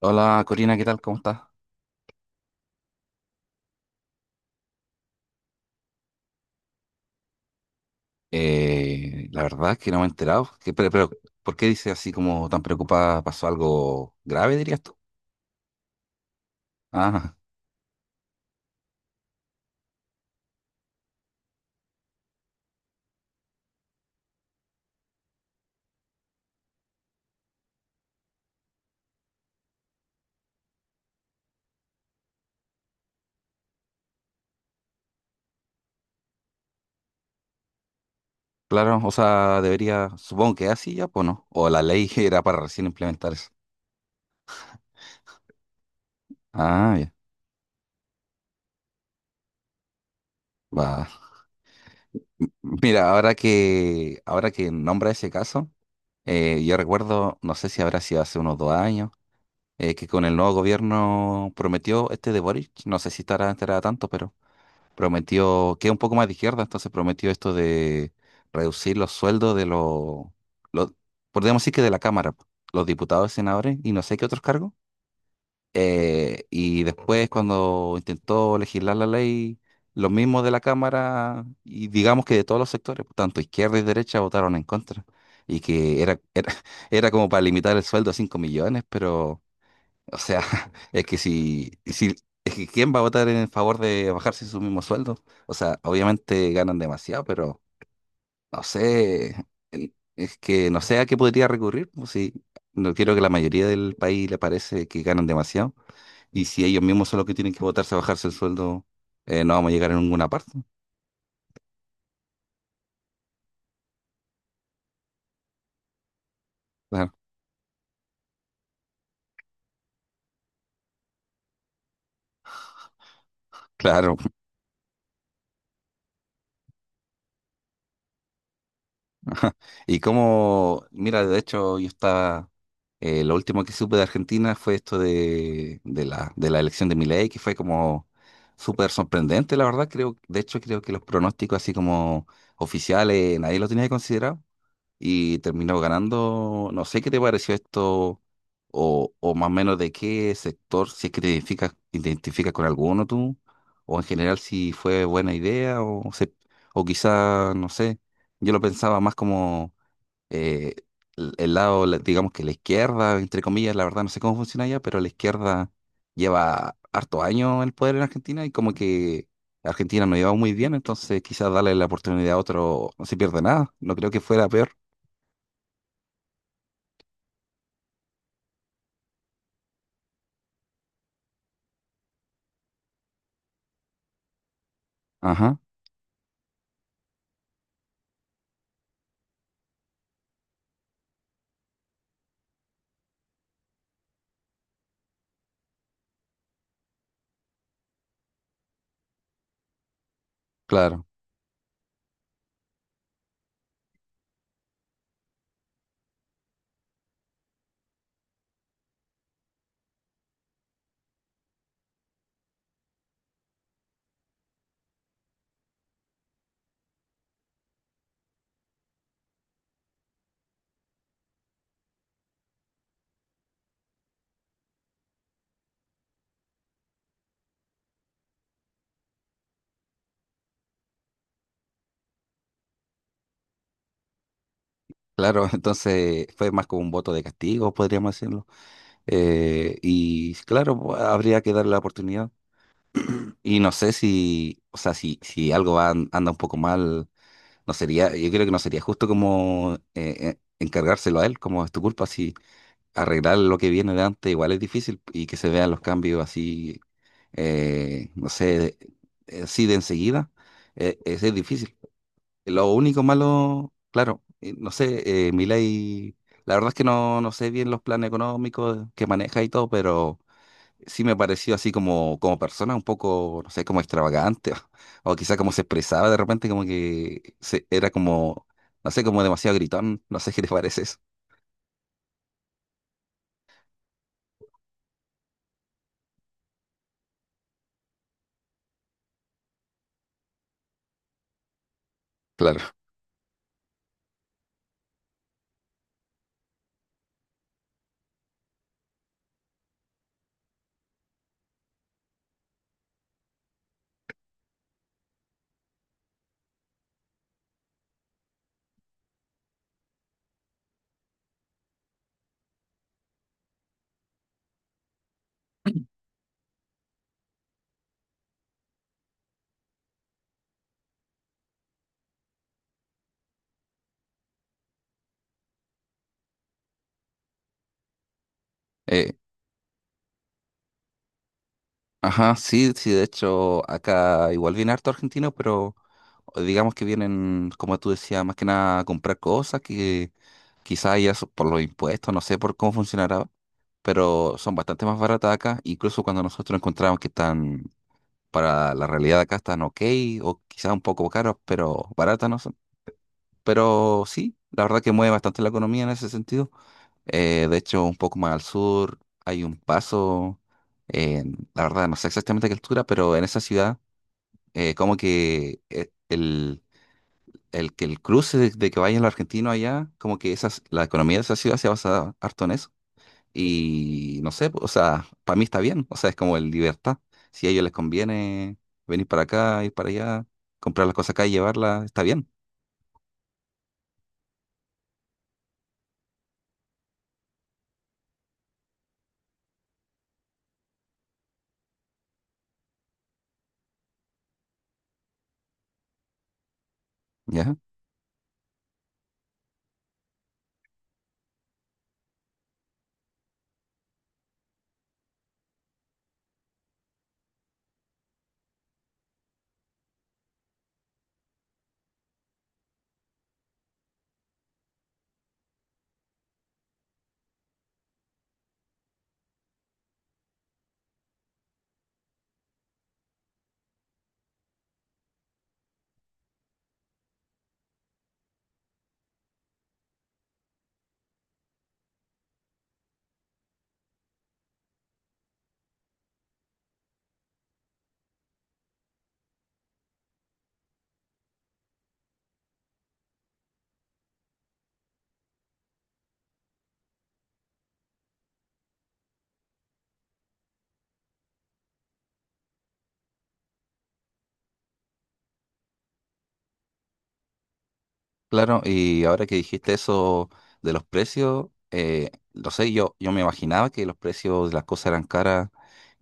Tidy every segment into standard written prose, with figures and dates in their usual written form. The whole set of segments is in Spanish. Hola Corina, ¿qué tal? ¿Cómo estás? La verdad es que no me he enterado. Pero ¿por qué dices así como tan preocupada? ¿Pasó algo grave, dirías tú? Ah, claro, o sea, debería, supongo que así ya, pues no. O la ley era para recién implementar eso. Ah, bien. Va. Mira, ahora que nombra ese caso, yo recuerdo, no sé si habrá sido hace unos 2 años, que con el nuevo gobierno prometió este de Boric, no sé si estará enterada tanto, pero prometió, que es un poco más de izquierda, entonces prometió esto de reducir los sueldos de los, podríamos decir que de la Cámara, po, los diputados, senadores y no sé qué otros cargos. Y después cuando intentó legislar la ley, los mismos de la Cámara y digamos que de todos los sectores, tanto izquierda y derecha, votaron en contra. Y que era era como para limitar el sueldo a 5 millones, pero o sea, es que si, es que ¿quién va a votar en favor de bajarse su mismo sueldo? O sea, obviamente ganan demasiado, pero no sé, es que no sé a qué podría recurrir, pues, si no quiero que la mayoría del país le parece que ganan demasiado, y si ellos mismos son los que tienen que votarse a bajarse el sueldo, no vamos a llegar a ninguna parte. Claro, claro. Y como, mira, de hecho, yo estaba. Lo último que supe de Argentina fue esto de la elección de Milei, que fue como súper sorprendente, la verdad. Creo, de hecho, creo que los pronósticos así como oficiales, nadie lo tenía considerado y terminó ganando. No sé qué te pareció esto o más o menos de qué sector, si es que te identificas con alguno tú, o en general si fue buena idea o, se, o quizá, no sé, yo lo pensaba más como eh, el, lado, digamos que la izquierda, entre comillas, la verdad no sé cómo funciona allá, pero la izquierda lleva harto años en el poder en Argentina y como que Argentina no lleva muy bien, entonces quizás darle la oportunidad a otro no se pierde nada, no creo que fuera peor. Ajá, claro, claro, entonces fue más como un voto de castigo, podríamos decirlo. Y claro, pues, habría que darle la oportunidad. Y no sé si, o sea, si, si algo va, anda un poco mal. No sería, yo creo que no sería justo como encargárselo a él, como es tu culpa, si arreglar lo que viene de antes igual es difícil y que se vean los cambios así, no sé, así de enseguida, es difícil. Lo único malo, claro, no sé, Milei, la verdad es que no, no sé bien los planes económicos que maneja y todo, pero sí me pareció así como, como persona un poco, no sé, como extravagante, o, quizá como se expresaba de repente, como que se, era como, no sé, como demasiado gritón, no sé qué te parece eso. Claro. Eh, ajá, sí, sí, de hecho, acá igual viene harto argentino, pero digamos que vienen, como tú decías, más que nada a comprar cosas que quizá ya por los impuestos, no sé por cómo funcionará, pero son bastante más baratas acá, incluso cuando nosotros encontramos que están para la realidad de acá están ok o quizás un poco caros, pero baratas no son. Pero sí, la verdad que mueve bastante la economía en ese sentido. De hecho, un poco más al sur hay un paso, la verdad no sé exactamente a qué altura, pero en esa ciudad, como que que el cruce de que vayan los argentinos allá, como que esas, la economía de esa ciudad se basa harto en eso y no sé, o sea, para mí está bien, o sea, es como el libertad. Si a ellos les conviene venir para acá, ir para allá, comprar las cosas acá y llevarlas, está bien, ¿ya? Claro, y ahora que dijiste eso de los precios, no sé, yo me imaginaba que los precios de las cosas eran caras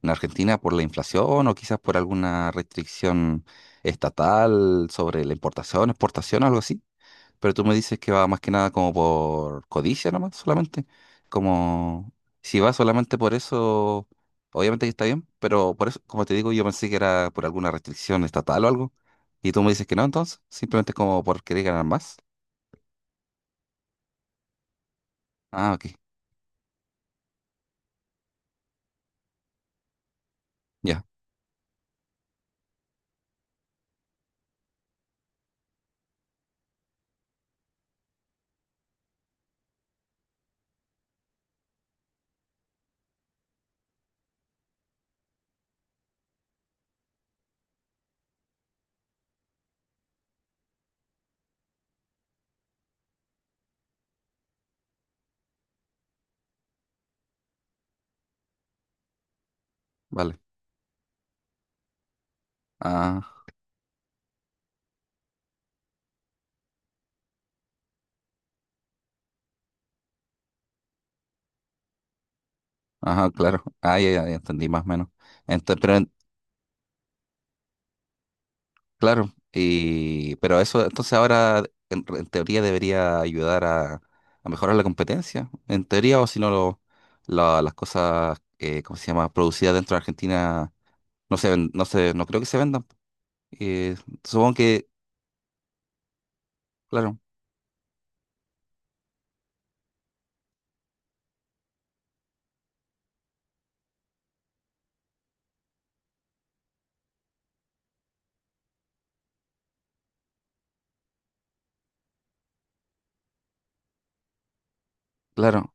en Argentina por la inflación o quizás por alguna restricción estatal sobre la importación, exportación, algo así. Pero tú me dices que va más que nada como por codicia nomás, solamente. Como si va solamente por eso, obviamente que está bien, pero por eso, como te digo, yo pensé que era por alguna restricción estatal o algo. Y tú me dices que no, entonces, simplemente como por querer ganar más. Ah, ok, ya, vale. Ah, ajá, claro. Ah, ya, ya, ya entendí más o menos. Entonces, pero claro, y, pero eso entonces ahora en teoría debería ayudar a mejorar la competencia, en teoría, o si no, las cosas, ¿cómo se llama?, producidas dentro de Argentina no se ven, no se, no creo que se vendan. Eh, Supongo que, claro, claro.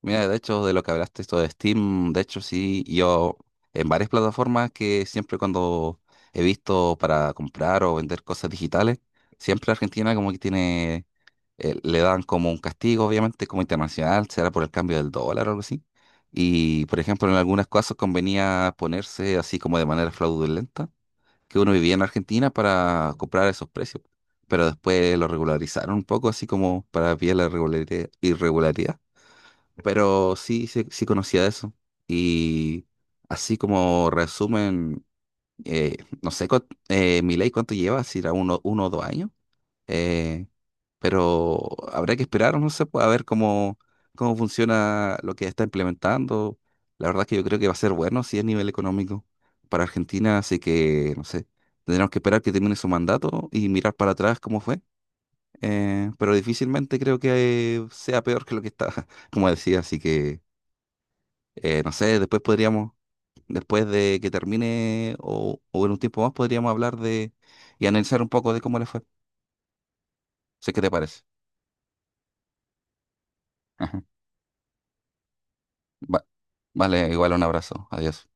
Mira, de hecho, de lo que hablaste, esto de Steam, de hecho, sí, yo en varias plataformas que siempre cuando he visto para comprar o vender cosas digitales, siempre Argentina como que tiene le dan como un castigo, obviamente, como internacional, será por el cambio del dólar o algo así. Y, por ejemplo, en algunos casos convenía ponerse así como de manera fraudulenta, que uno vivía en Argentina para comprar esos precios. Pero después lo regularizaron un poco, así como para evitar la irregularidad. Pero sí, sí, sí conocía eso. Y así como resumen, no sé, Milei cuánto lleva, si era uno o 2 años. Eh, pero habrá que esperar, no sé, pues, a ver cómo, cómo funciona lo que está implementando. La verdad es que yo creo que va a ser bueno si es nivel económico para Argentina, así que, no sé, tendremos que esperar que termine su mandato y mirar para atrás cómo fue. Pero difícilmente creo que sea peor que lo que está, como decía, así que, no sé, después podríamos, después de que termine o en un tiempo más, podríamos hablar de y analizar un poco de cómo le fue. Sé qué te parece. Va- vale, igual un abrazo. Adiós.